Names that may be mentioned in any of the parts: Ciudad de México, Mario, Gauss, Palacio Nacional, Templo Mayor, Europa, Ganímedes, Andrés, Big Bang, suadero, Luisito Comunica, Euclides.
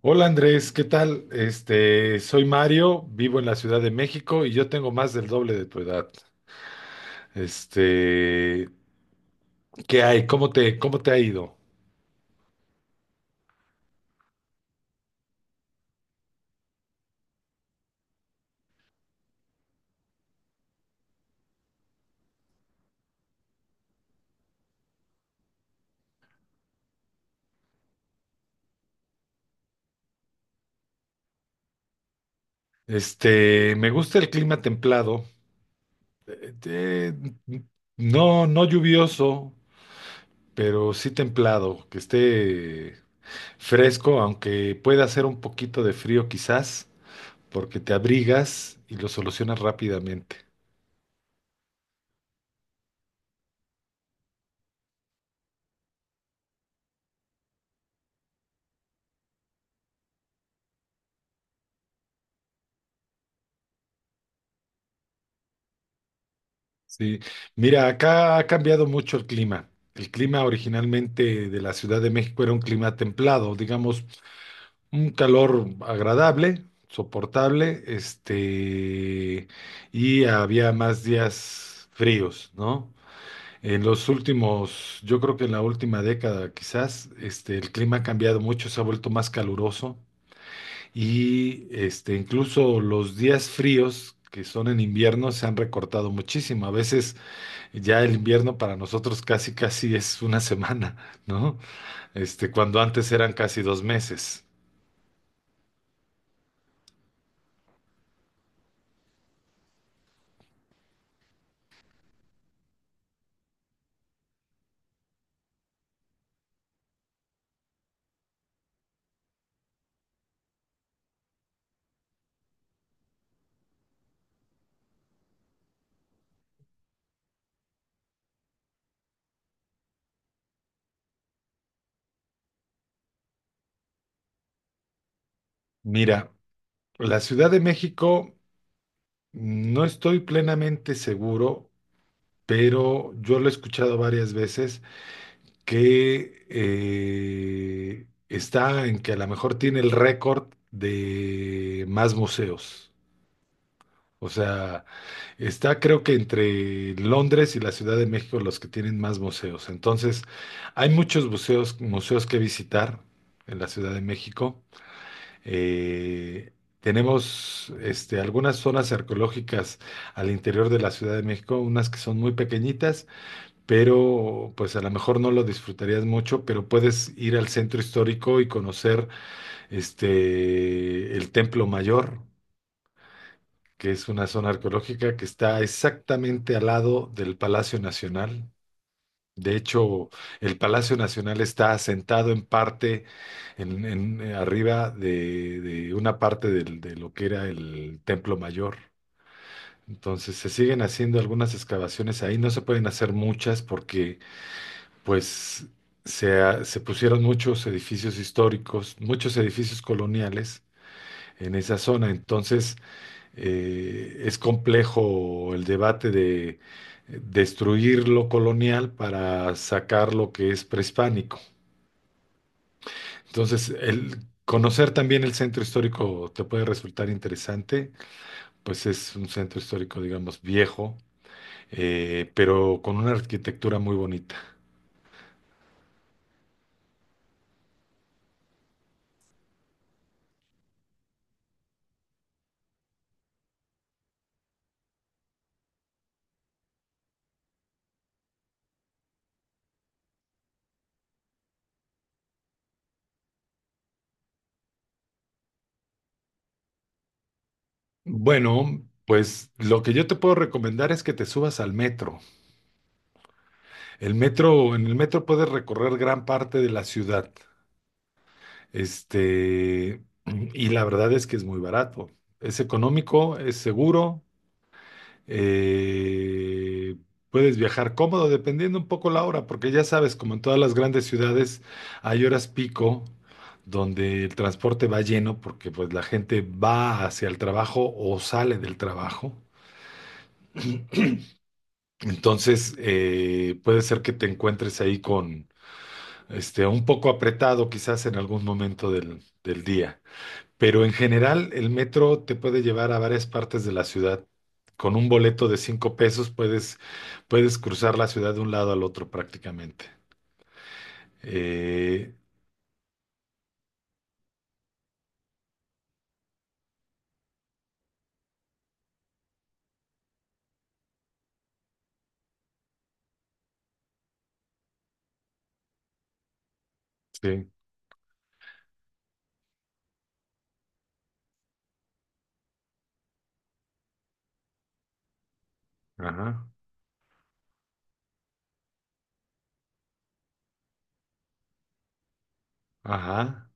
Hola Andrés, ¿qué tal? Soy Mario, vivo en la Ciudad de México y yo tengo más del doble de tu edad. Este, ¿qué hay? ¿Cómo te ha ido? Me gusta el clima templado, eh, eh, no, no lluvioso, pero sí templado, que esté fresco, aunque pueda hacer un poquito de frío quizás, porque te abrigas y lo solucionas rápidamente. Sí, mira, acá ha cambiado mucho el clima. El clima originalmente de la Ciudad de México era un clima templado, digamos, un calor agradable, soportable, y había más días fríos, ¿no? En los últimos, yo creo que en la última década quizás, el clima ha cambiado mucho, se ha vuelto más caluroso y incluso los días fríos que son en invierno se han recortado muchísimo. A veces ya el invierno para nosotros casi casi es una semana, ¿no? Cuando antes eran casi 2 meses. Mira, la Ciudad de México, no estoy plenamente seguro, pero yo lo he escuchado varias veces que está en que a lo mejor tiene el récord de más museos. O sea, está, creo que entre Londres y la Ciudad de México, los que tienen más museos. Entonces, hay muchos museos, museos que visitar en la Ciudad de México. Eh, tenemos algunas zonas arqueológicas al interior de la Ciudad de México, unas que son muy pequeñitas, pero pues a lo mejor no lo disfrutarías mucho, pero puedes ir al centro histórico y conocer el Templo Mayor, que es una zona arqueológica que está exactamente al lado del Palacio Nacional. De hecho, el Palacio Nacional está asentado en parte, arriba de una parte de lo que era el Templo Mayor. Entonces, se siguen haciendo algunas excavaciones ahí. No se pueden hacer muchas porque, pues, se pusieron muchos edificios históricos, muchos edificios coloniales en esa zona. Entonces, es complejo el debate de destruir lo colonial para sacar lo que es prehispánico. Entonces, el conocer también el centro histórico te puede resultar interesante, pues es un centro histórico, digamos, viejo, pero con una arquitectura muy bonita. Bueno, pues lo que yo te puedo recomendar es que te subas al metro. El metro, en el metro puedes recorrer gran parte de la ciudad. Este, y la verdad es que es muy barato. Es económico, es seguro. eh, Puedes viajar cómodo dependiendo un poco la hora, porque ya sabes, como en todas las grandes ciudades, hay horas pico donde el transporte va lleno porque pues la gente va hacia el trabajo o sale del trabajo. Entonces, puede ser que te encuentres ahí con este un poco apretado quizás en algún momento del día. Pero en general, el metro te puede llevar a varias partes de la ciudad. Con un boleto de 5 pesos puedes cruzar la ciudad de un lado al otro prácticamente. Eh, sí, ajá, ajá.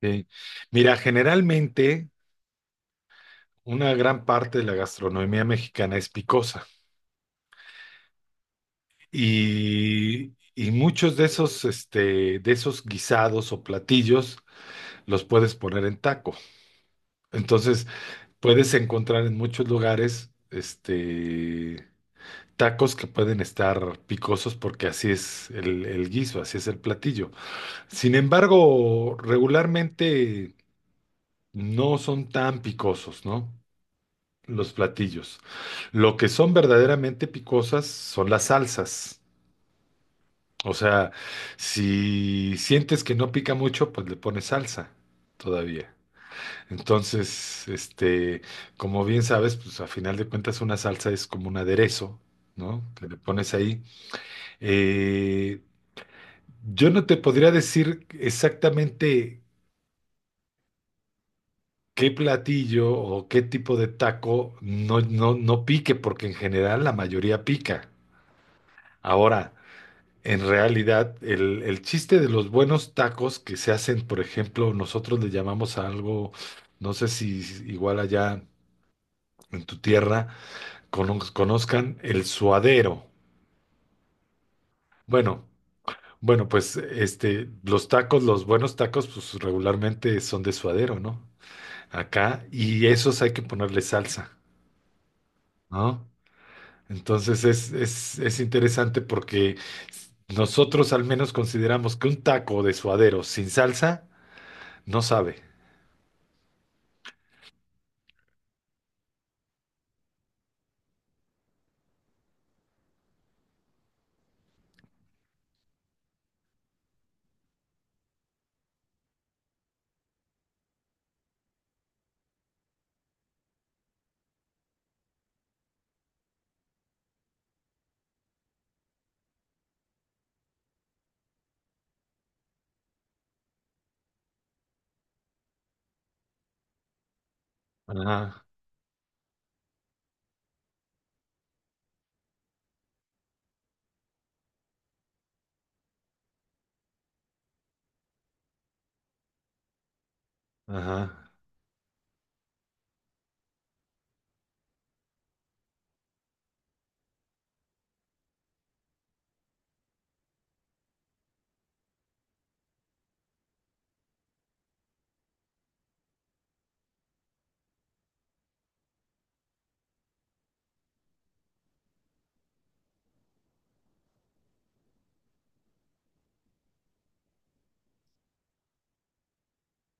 Sí. Mira, generalmente una gran parte de la gastronomía mexicana es picosa, y muchos de esos, de esos guisados o platillos los puedes poner en taco. Entonces, puedes encontrar en muchos lugares, tacos que pueden estar picosos porque así es el guiso, así es el platillo. Sin embargo, regularmente no son tan picosos, ¿no? Los platillos. Lo que son verdaderamente picosas son las salsas. O sea, si sientes que no pica mucho, pues le pones salsa todavía. Entonces, como bien sabes, pues a final de cuentas una salsa es como un aderezo, ¿no? Que le pones ahí. Eh, yo no te podría decir exactamente qué platillo o qué tipo de taco no, no, no pique, porque en general la mayoría pica. Ahora, en realidad, el chiste de los buenos tacos que se hacen, por ejemplo, nosotros le llamamos a algo, no sé si igual allá en tu tierra conozcan el suadero. Bueno, bueno, pues los tacos, los buenos tacos, pues regularmente son de suadero, ¿no? Acá, y esos hay que ponerle salsa, ¿no? Entonces es interesante porque nosotros al menos consideramos que un taco de suadero sin salsa no sabe. Ajá, ajá.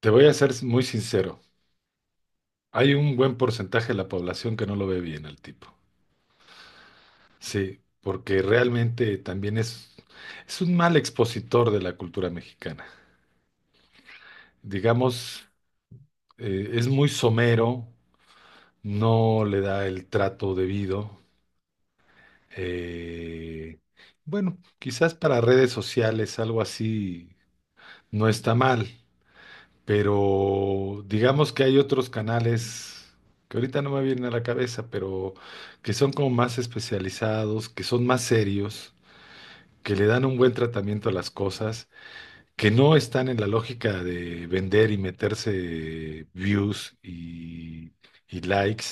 Te voy a ser muy sincero. Hay un buen porcentaje de la población que no lo ve bien al tipo. Sí, porque realmente también es un mal expositor de la cultura mexicana. Digamos, es muy somero, no le da el trato debido. Eh, bueno, quizás para redes sociales algo así no está mal, pero digamos que hay otros canales que ahorita no me vienen a la cabeza, pero que son como más especializados, que son más serios, que le dan un buen tratamiento a las cosas, que no están en la lógica de vender y meterse views y likes,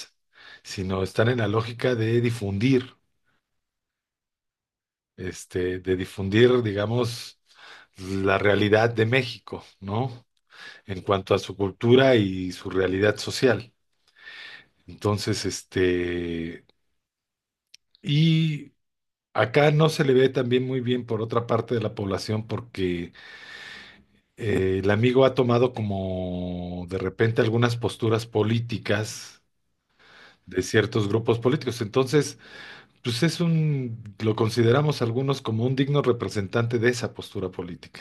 sino están en la lógica de difundir, digamos, la realidad de México, ¿no? En cuanto a su cultura y su realidad social. Entonces, y acá no se le ve también muy bien por otra parte de la población porque el amigo ha tomado como de repente algunas posturas políticas de ciertos grupos políticos. Entonces, pues lo consideramos algunos como un digno representante de esa postura política,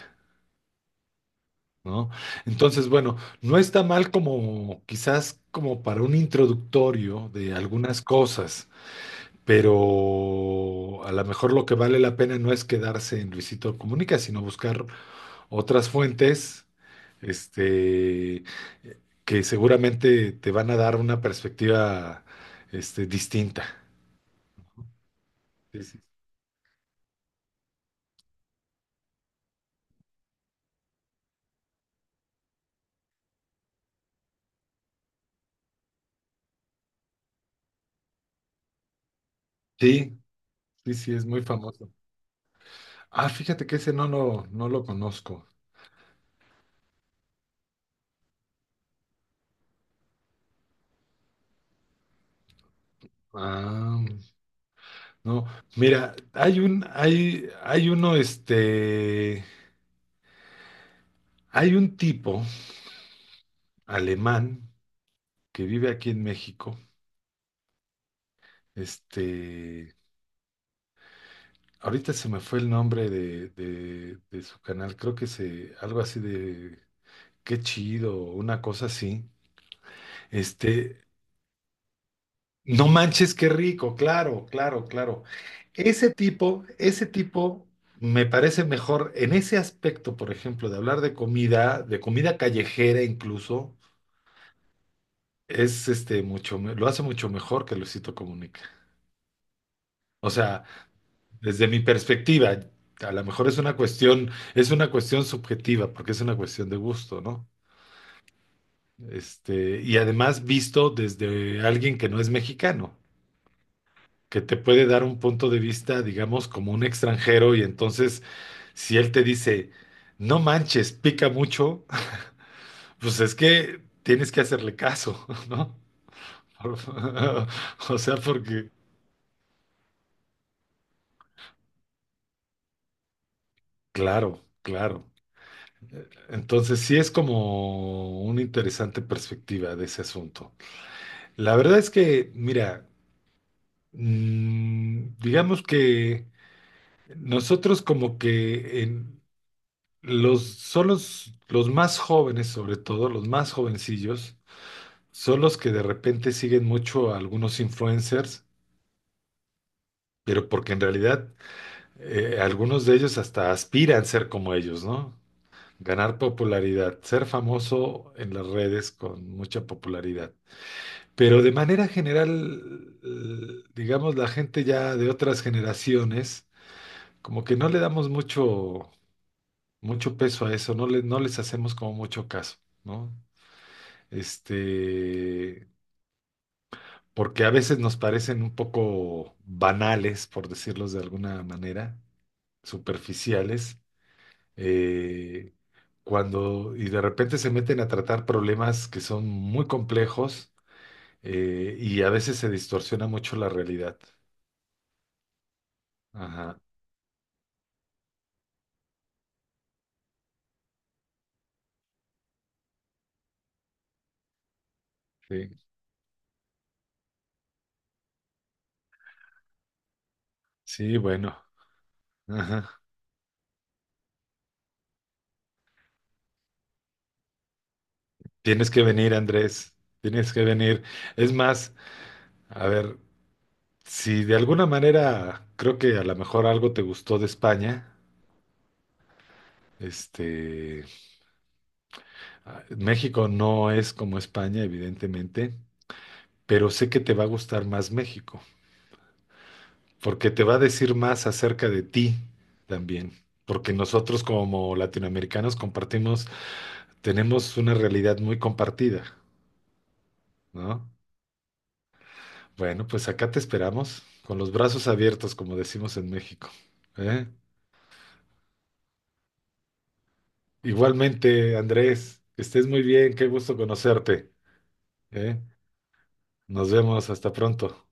¿no? Entonces, bueno, no está mal como quizás como para un introductorio de algunas cosas. Pero a lo mejor lo que vale la pena no es quedarse en Luisito Comunica, sino buscar otras fuentes, este, que seguramente te van a dar una perspectiva, distinta. Sí, sí, sí, sí, sí, es muy famoso. Ah, fíjate que ese no lo conozco. Ah, no. Mira, hay un, hay uno, este, hay un tipo alemán que vive aquí en México. Este, ahorita se me fue el nombre de su canal, creo que algo así de Qué chido, una cosa así. Este, no manches, qué rico, claro, claro, claro. Ese tipo me parece mejor en ese aspecto, por ejemplo, de hablar de comida callejera incluso, es este mucho, me- lo hace mucho mejor que Luisito Comunica. O sea, desde mi perspectiva, a lo mejor es una cuestión subjetiva, porque es una cuestión de gusto, ¿no? Y además, visto desde alguien que no es mexicano, que te puede dar un punto de vista, digamos, como un extranjero. Y entonces, si él te dice, no manches, pica mucho, pues es que tienes que hacerle caso, ¿no? O sea, porque, claro, claro. Entonces, sí es como una interesante perspectiva de ese asunto. La verdad es que, mira, digamos que nosotros como que son los más jóvenes, sobre todo, los más jovencillos, son los que de repente siguen mucho a algunos influencers, pero porque en realidad algunos de ellos hasta aspiran ser como ellos, ¿no? Ganar popularidad, ser famoso en las redes con mucha popularidad. Pero de manera general, digamos, la gente ya de otras generaciones, como que no le damos mucho, mucho peso a eso, no les hacemos como mucho caso, ¿no? este, porque a veces nos parecen un poco banales, por decirlos de alguna manera, superficiales. Eh, cuando y de repente se meten a tratar problemas que son muy complejos, y a veces se distorsiona mucho la realidad. Ajá, sí, sí, bueno, ajá. Tienes que venir, Andrés, tienes que venir. Es más, a ver, si de alguna manera creo que a lo mejor algo te gustó de España. Este, México no es como España, evidentemente, pero sé que te va a gustar más México, porque te va a decir más acerca de ti también, porque nosotros, como latinoamericanos, compartimos, tenemos una realidad muy compartida, ¿no? Bueno, pues acá te esperamos con los brazos abiertos, como decimos en México, ¿eh? Igualmente, Andrés, que estés muy bien, qué gusto conocerte, ¿eh? Nos vemos, hasta pronto.